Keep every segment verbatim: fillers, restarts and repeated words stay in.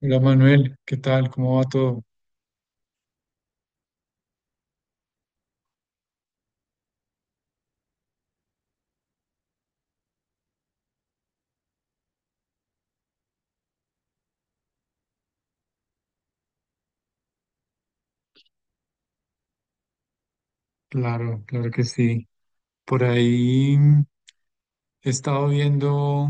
Hola Manuel, ¿qué tal? ¿Cómo va todo? Claro, claro que sí. Por ahí mm, he estado viendo,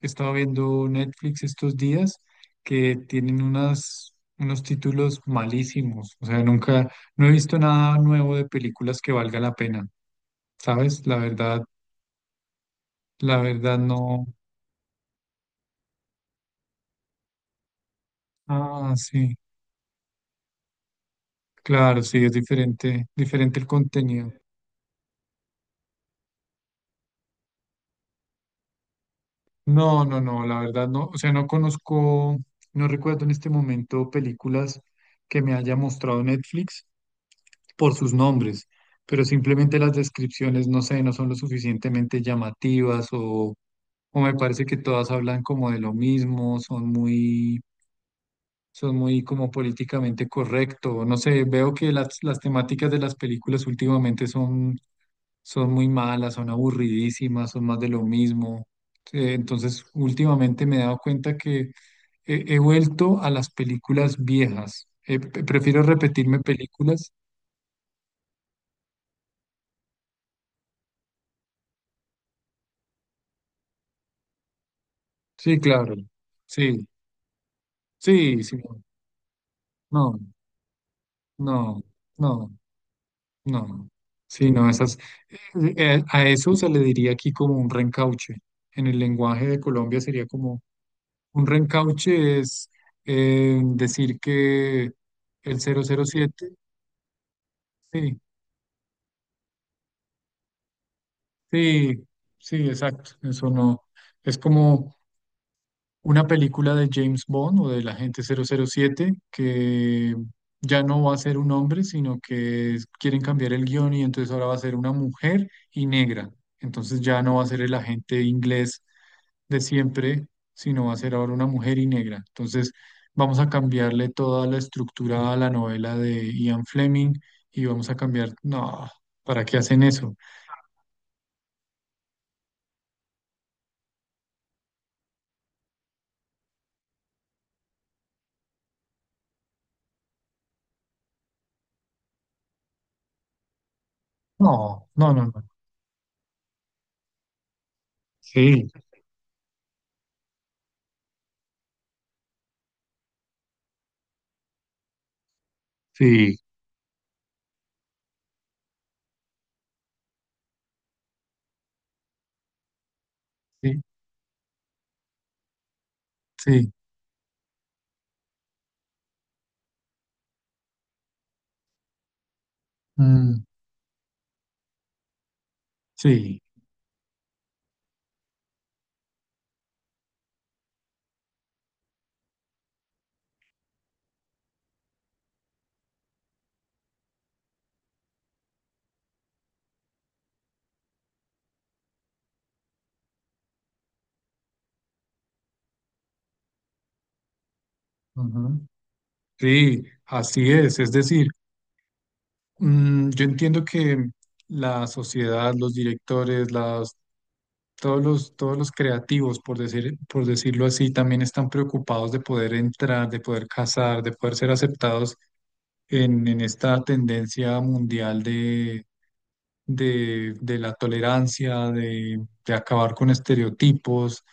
he estado viendo Netflix estos días que tienen unas, unos títulos malísimos. O sea, nunca, no he visto nada nuevo de películas que valga la pena, ¿sabes? La verdad, la verdad no. Ah, sí, claro, sí, es diferente, diferente el contenido. No, no, no, la verdad no, o sea, no conozco, no recuerdo en este momento películas que me haya mostrado Netflix por sus nombres, pero simplemente las descripciones, no sé, no son lo suficientemente llamativas o, o me parece que todas hablan como de lo mismo, son muy, son muy como políticamente correcto, no sé, veo que las, las temáticas de las películas últimamente son son muy malas, son aburridísimas, son más de lo mismo. Eh, Entonces, últimamente me he dado cuenta que he, he vuelto a las películas viejas. Eh, pre- prefiero repetirme películas. Sí, claro. Sí, sí, sí. No, no, no, no. No. Sí, no, esas. Eh, eh, a eso se le diría aquí como un reencauche. En el lenguaje de Colombia sería como un reencauche es eh, decir que el cero cero siete. Sí, sí, sí, exacto. Eso no. Es como una película de James Bond o del agente cero cero siete que ya no va a ser un hombre, sino que es- quieren cambiar el guión y entonces ahora va a ser una mujer y negra. Entonces ya no va a ser el agente inglés de siempre, sino va a ser ahora una mujer y negra. Entonces vamos a cambiarle toda la estructura a la novela de Ian Fleming y vamos a cambiar. No, ¿para qué hacen eso? No, no, no, no. Sí. Sí, sí, sí, mm, sí, ujú, sí, así es. Es decir, mm, yo entiendo que la sociedad, los directores, las, todos los, todos los creativos, por decir, por decirlo así, también están preocupados de poder entrar, de poder casar, de poder ser aceptados en, en esta tendencia mundial de, de la tolerancia, de, de acabar con estereotipos,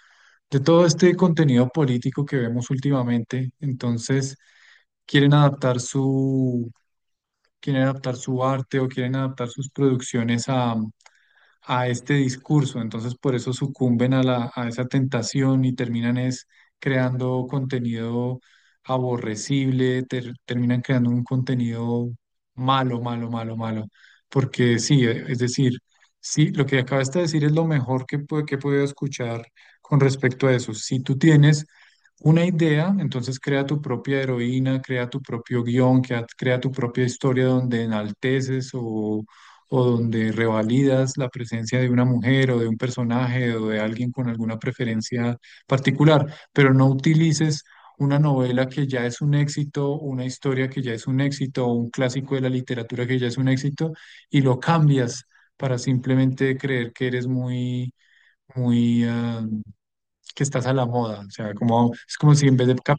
de todo este contenido político que vemos últimamente. Entonces, quieren adaptar su, quieren adaptar su arte o quieren adaptar sus producciones a a este discurso, entonces por eso sucumben a la, a esa tentación y terminan es creando contenido aborrecible, ter- terminan creando un contenido malo, malo, malo, malo, porque sí, eh, es decir, sí, lo que acabas de decir es lo mejor que, pu- que he podido escuchar con respecto a eso. Si tú tienes una idea, entonces crea tu propia heroína, crea tu propio guión, crea, crea tu propia historia donde enalteces o o donde revalidas la presencia de una mujer o de un personaje o de alguien con alguna preferencia particular, pero no utilices una novela que ya es un éxito, una historia que ya es un éxito, un clásico de la literatura que ya es un éxito, y lo cambias para simplemente creer que eres muy, muy, ah, que estás a la moda. O sea, como, es como si en vez de... cap-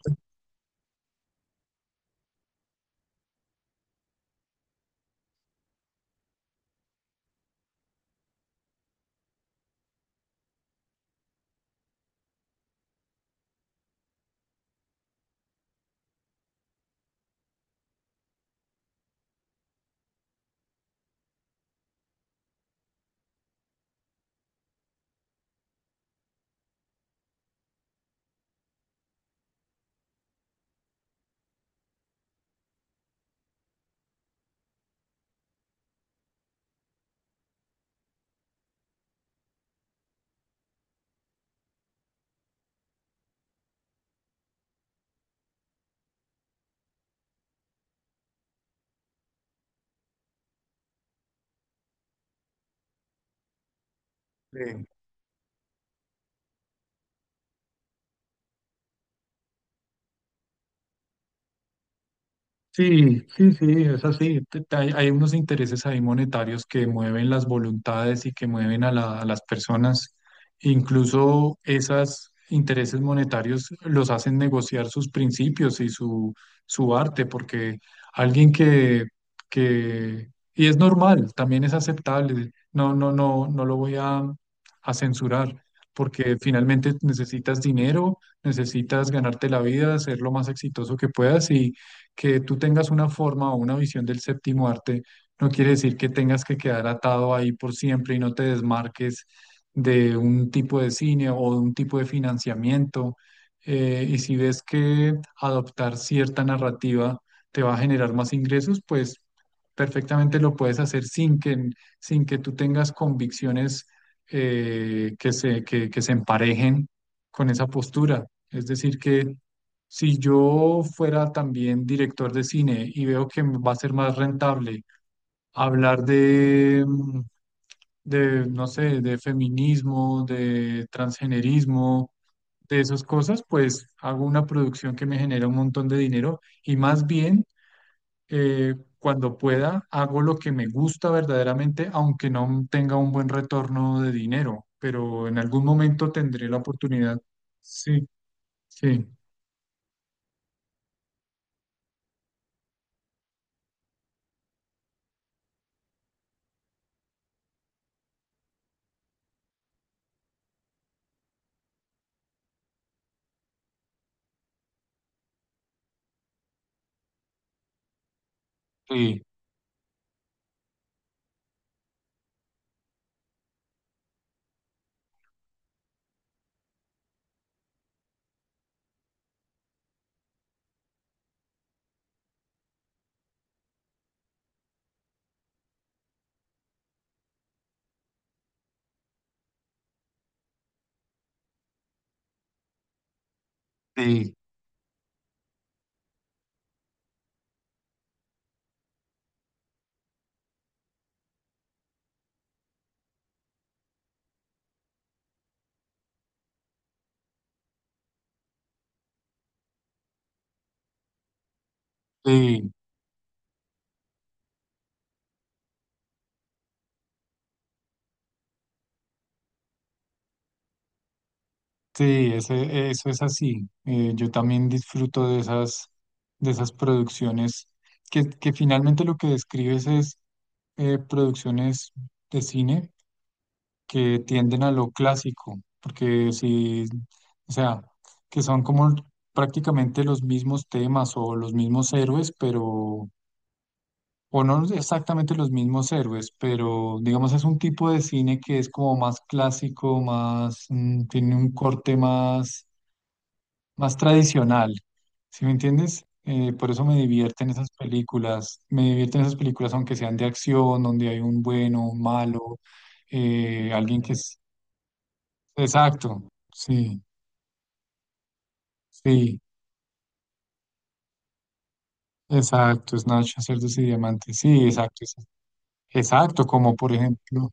Sí, sí, sí, es así. Te- te- Hay, hay unos intereses ahí monetarios que mueven las voluntades y que mueven a, la- a las personas. Incluso esos intereses monetarios los hacen negociar sus principios y su, su arte, porque alguien que, que, y es normal, también es aceptable. No, no, no, no lo voy a, a censurar, porque finalmente necesitas dinero, necesitas ganarte la vida, ser lo más exitoso que puedas y que tú tengas una forma o una visión del séptimo arte no quiere decir que tengas que quedar atado ahí por siempre y no te desmarques de un tipo de cine o de un tipo de financiamiento. Eh, y si ves que adoptar cierta narrativa te va a generar más ingresos, pues perfectamente lo puedes hacer sin que, sin que tú tengas convicciones eh, que se, que que se emparejen con esa postura. Es decir, que si yo fuera también director de cine y veo que va a ser más rentable hablar de, mm, de, no sé, de feminismo, de transgenerismo, de esas cosas, pues hago una producción que me genera un montón de dinero y más bien eh, cuando pueda hago lo que me gusta verdaderamente, aunque no tenga un buen retorno de dinero, pero en algún momento tendré la oportunidad. Sí, sí, sí, sí, sí. Sí, ese, eso es así. Eh, yo también disfruto de esas, de esas producciones que, que finalmente lo que describes es eh, producciones de cine que tienden a lo clásico, porque si, o sea, que son como prácticamente los mismos temas o los mismos héroes, pero, o no exactamente los mismos héroes, pero digamos es un tipo de cine que es como más clásico, más, mm, tiene un corte más más tradicional, ¿sí me entiendes? Eh, por eso me divierten esas películas, me divierten esas películas aunque sean de acción, donde hay un bueno, un malo, eh, alguien que es... Exacto, sí, sí, exacto, Snatch, Cerdos y Diamantes, sí, exacto, es- exacto, como por ejemplo,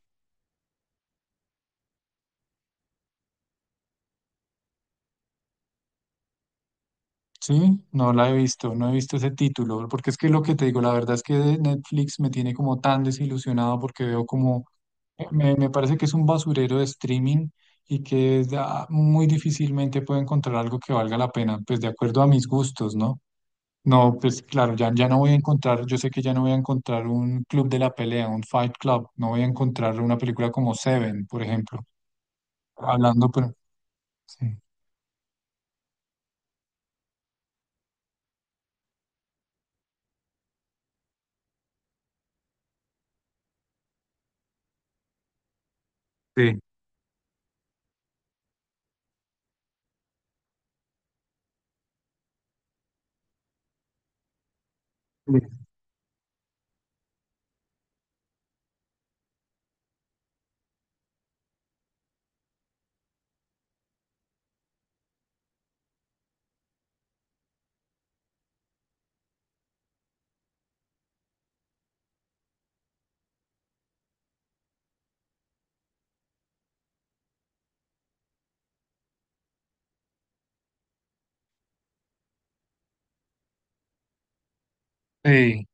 sí, no la he visto, no he visto ese título, porque es que lo que te digo, la verdad es que de Netflix me tiene como tan desilusionado porque veo como, eh, me, me parece que es un basurero de streaming y que da- muy difícilmente puedo encontrar algo que valga la pena, pues de acuerdo a mis gustos, ¿no? No, pues claro, ya, ya no voy a encontrar, yo sé que ya no voy a encontrar un club de la pelea, un Fight Club, no voy a encontrar una película como Seven, por ejemplo, hablando, pero... Sí. Sí. Sí.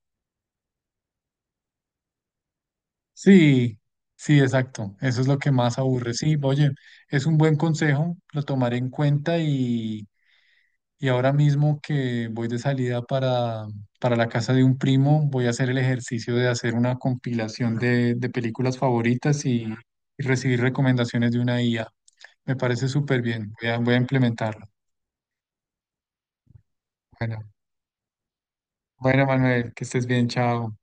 Sí, sí, exacto. Eso es lo que más aburre. Sí, oye, es un buen consejo, lo tomaré en cuenta y, y ahora mismo que voy de salida para, para la casa de un primo, voy a hacer el ejercicio de hacer una compilación de, de películas favoritas y, y recibir recomendaciones de una I A. Me parece súper bien. Voy a, voy a implementarlo. Bueno, bueno, Manuel, que estés bien, chao.